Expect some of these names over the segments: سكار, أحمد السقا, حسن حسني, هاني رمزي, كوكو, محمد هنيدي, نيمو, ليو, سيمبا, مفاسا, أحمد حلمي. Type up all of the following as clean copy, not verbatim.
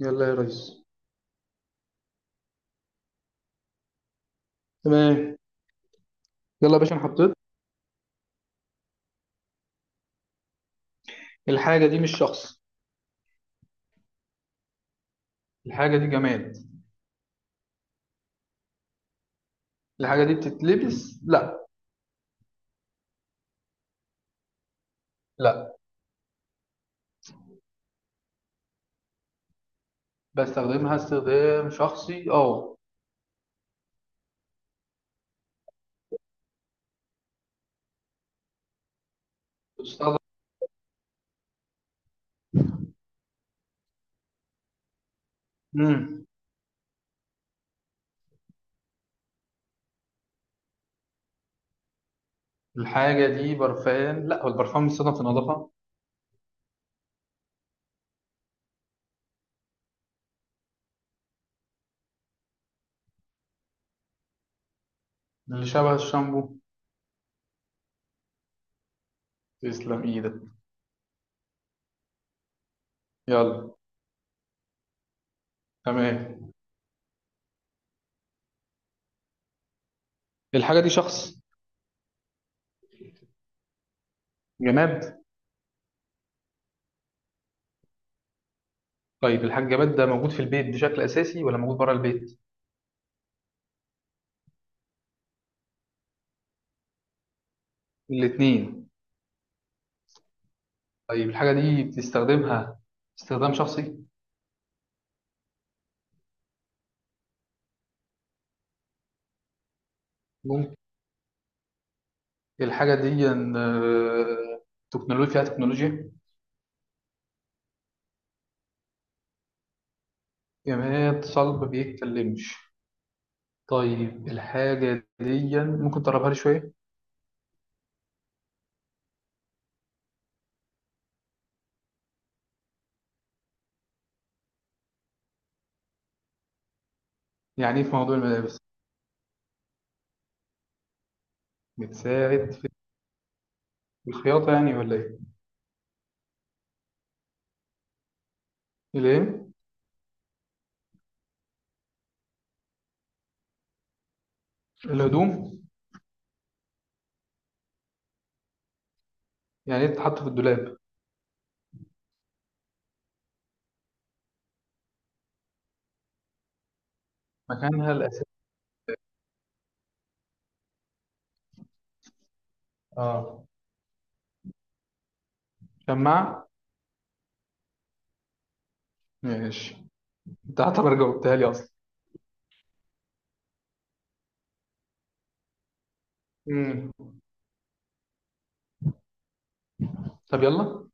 يلا يا ريس. تمام. يلا يا باشا انا حطيت. الحاجه دي مش شخص. الحاجه دي جماد. الحاجه دي بتتلبس لا. لا. بستخدمها استخدام شخصي اه. بتستخدم. امم الحاجه دي برفان لا، هو البرفان بيستخدم في النظافه. اللي شبه الشامبو. تسلم ايدك. يلا. تمام. الحاجه دي شخص. جماد. طيب الحاجه الجماد ده موجود في البيت بشكل اساسي ولا موجود بره البيت؟ الاثنين. طيب الحاجه دي بتستخدمها استخدام شخصي. الحاجة دي إن، آه، تكنولوجيا، فيها تكنولوجيا. يعني هي صلب بيتكلمش. طيب الحاجة دي ممكن تقربها لي شوية. يعني إيه في موضوع الملابس؟ بتساعد في الخياطة يعني ولا إيه؟ الإيه؟ الهدوم. يعني إيه تتحط في الدولاب؟ مكانها الأساسي. اه، شماعة. ماشي. أنت هتعتبر جاوبتها لي أصلا. مم. طب يلا.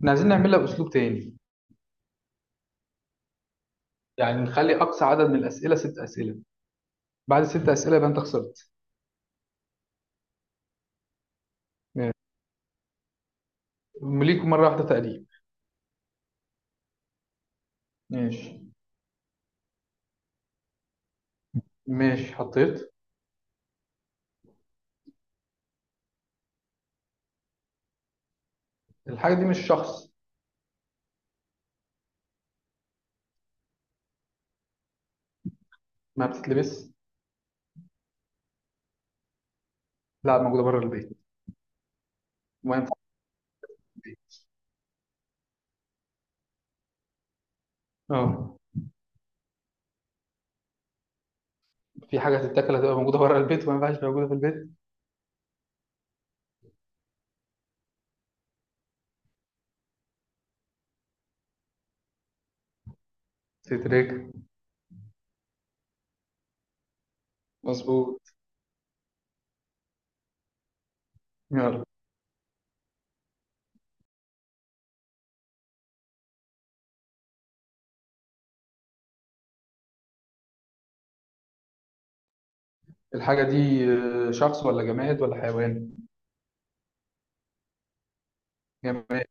إحنا عايزين نعملها بأسلوب تاني. يعني نخلي أقصى عدد من الأسئلة ست أسئلة. بعد ست أسئلة يبقى أنت خسرت. ماشي. ليك مرة واحدة تقريبا. ماشي. ماشي حطيت. الحاجة دي مش شخص. ما بتتلبس. لا موجودة بره البيت وما ينفعش في البيت. اه. في حاجة تتاكل هتبقى موجودة بره البيت وما ينفعش موجودة في البيت. تترك. مظبوط. يلا. الحاجة دي شخص ولا جماد ولا حيوان؟ جماد.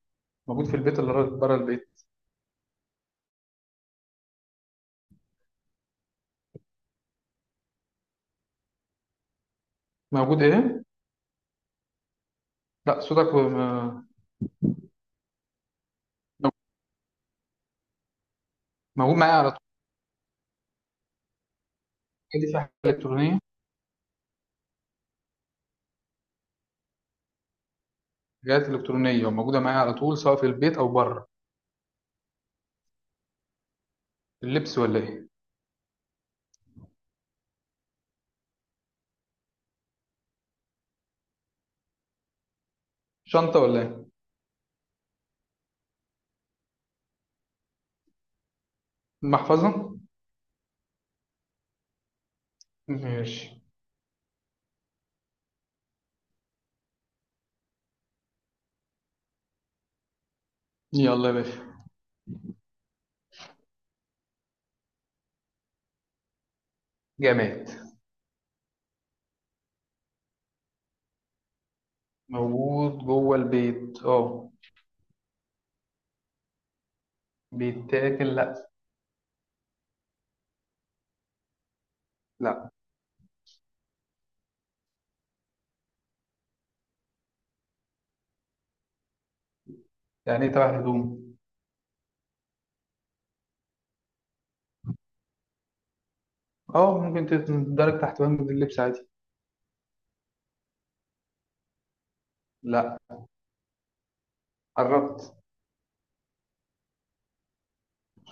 موجود في البيت ولا بره البيت؟ موجود ايه؟ لا صوتك موجود معايا على طول. الحاجة دي فيها حاجة إلكترونية؟ حاجات إلكترونية وموجودة معايا على طول سواء في البيت أو بره. اللبس ولا ايه؟ شنطة ولا ايه؟ المحفظة. ماشي. يلا يا باشا. جماد. موجود جوه البيت اه. بيتاكل لا. لا. يعني ايه تبع الهدوم؟ اه ممكن تندرج تحت وهم اللبس عادي. لا. قربت.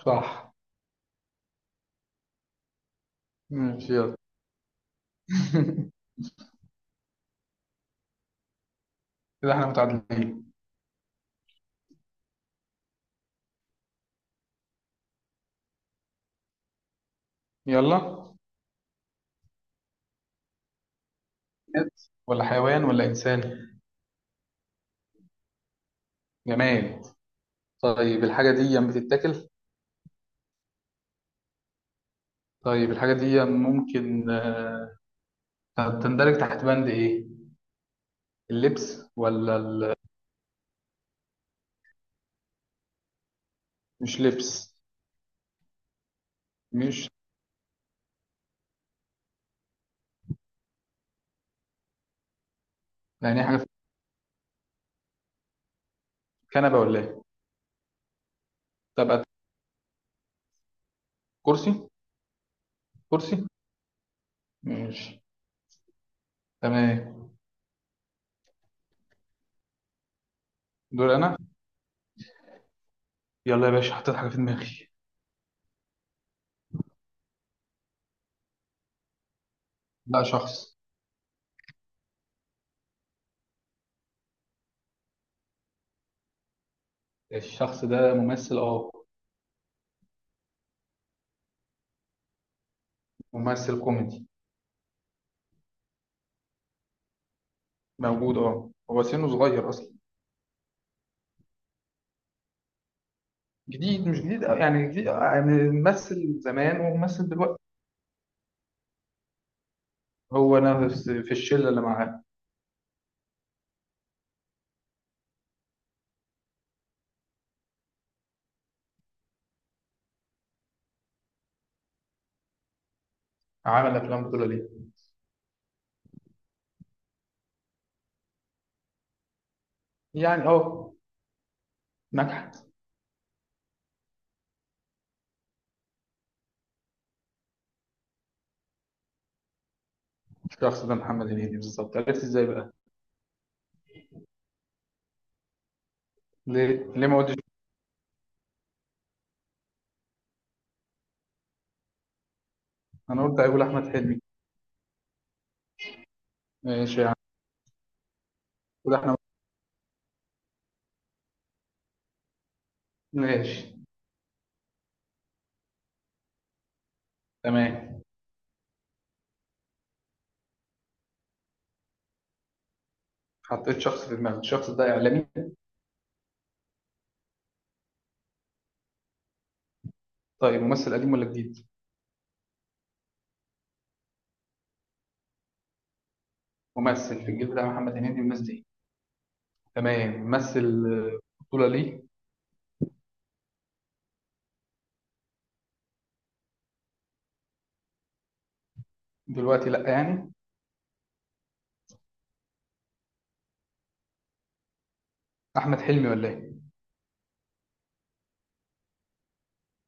صح. ماشي. يلا. كده احنا متعادلين. يلا. جماد ولا حيوان ولا انسان؟ جماد. طيب الحاجه دي بتتاكل؟ طيب الحاجه دي ممكن تندرج تحت بند ايه؟ اللبس ولا ال... مش لبس. مش يعني إيه حاجه في. كنبه ولا ايه؟ طب. كرسي. كرسي. ماشي. تمام. دور انا. يلا يا باشا حطيت حاجه في دماغي. لا، شخص. الشخص ده ممثل اه. ممثل كوميدي. موجود اه، هو سنه صغير اصلا. جديد مش جديد أوي، يعني جديد، يعني ممثل زمان وممثل دلوقتي. هو نفس في الشله اللي معاه. عمل افلام بطوله ليه. يعني اه، نجحت. الشخص ده محمد هنيدي بالظبط، عرفت ازاي بقى؟ ليه ليه ما قلتش؟ انا قلت هيقول احمد حلمي. ماشي يا عم. قول احمد. ماشي. تمام حطيت شخص في دماغي. الشخص ده اعلامي؟ طيب ممثل قديم ولا جديد؟ ممثل في الجيل بتاع محمد هنيدي والناس دي. تمام، ممثل، بطولة ليه. دلوقتي لا يعني. أحمد حلمي ولا إيه؟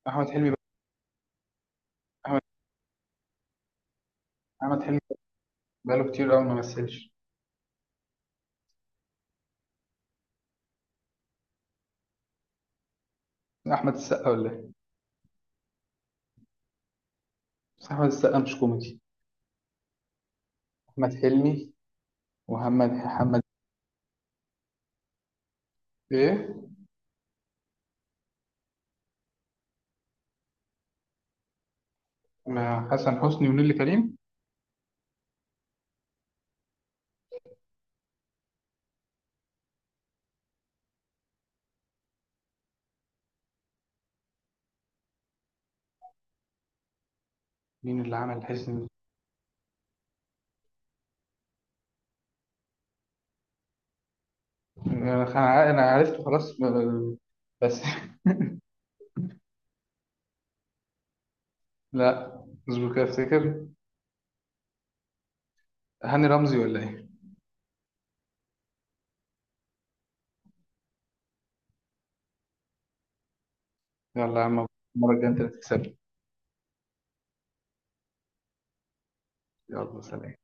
أحمد حلمي بقى. أحمد. أحمد حلمي بقاله كتير أوي ما مثلش. أحمد السقا ولا إيه؟ بس أحمد السقا مش كوميدي. أحمد حلمي. ومحمد محمد. إيه؟ مع حسن حسني ونيلي كريم. مين اللي عمل حسن؟ أنا خ- أنا عرفته خلاص بس. لا، اصبر كده أفتكر. هاني رمزي ولا إيه؟ يلا يا عم، المرة الجاية أنت اللي تكسب. يلا سلام.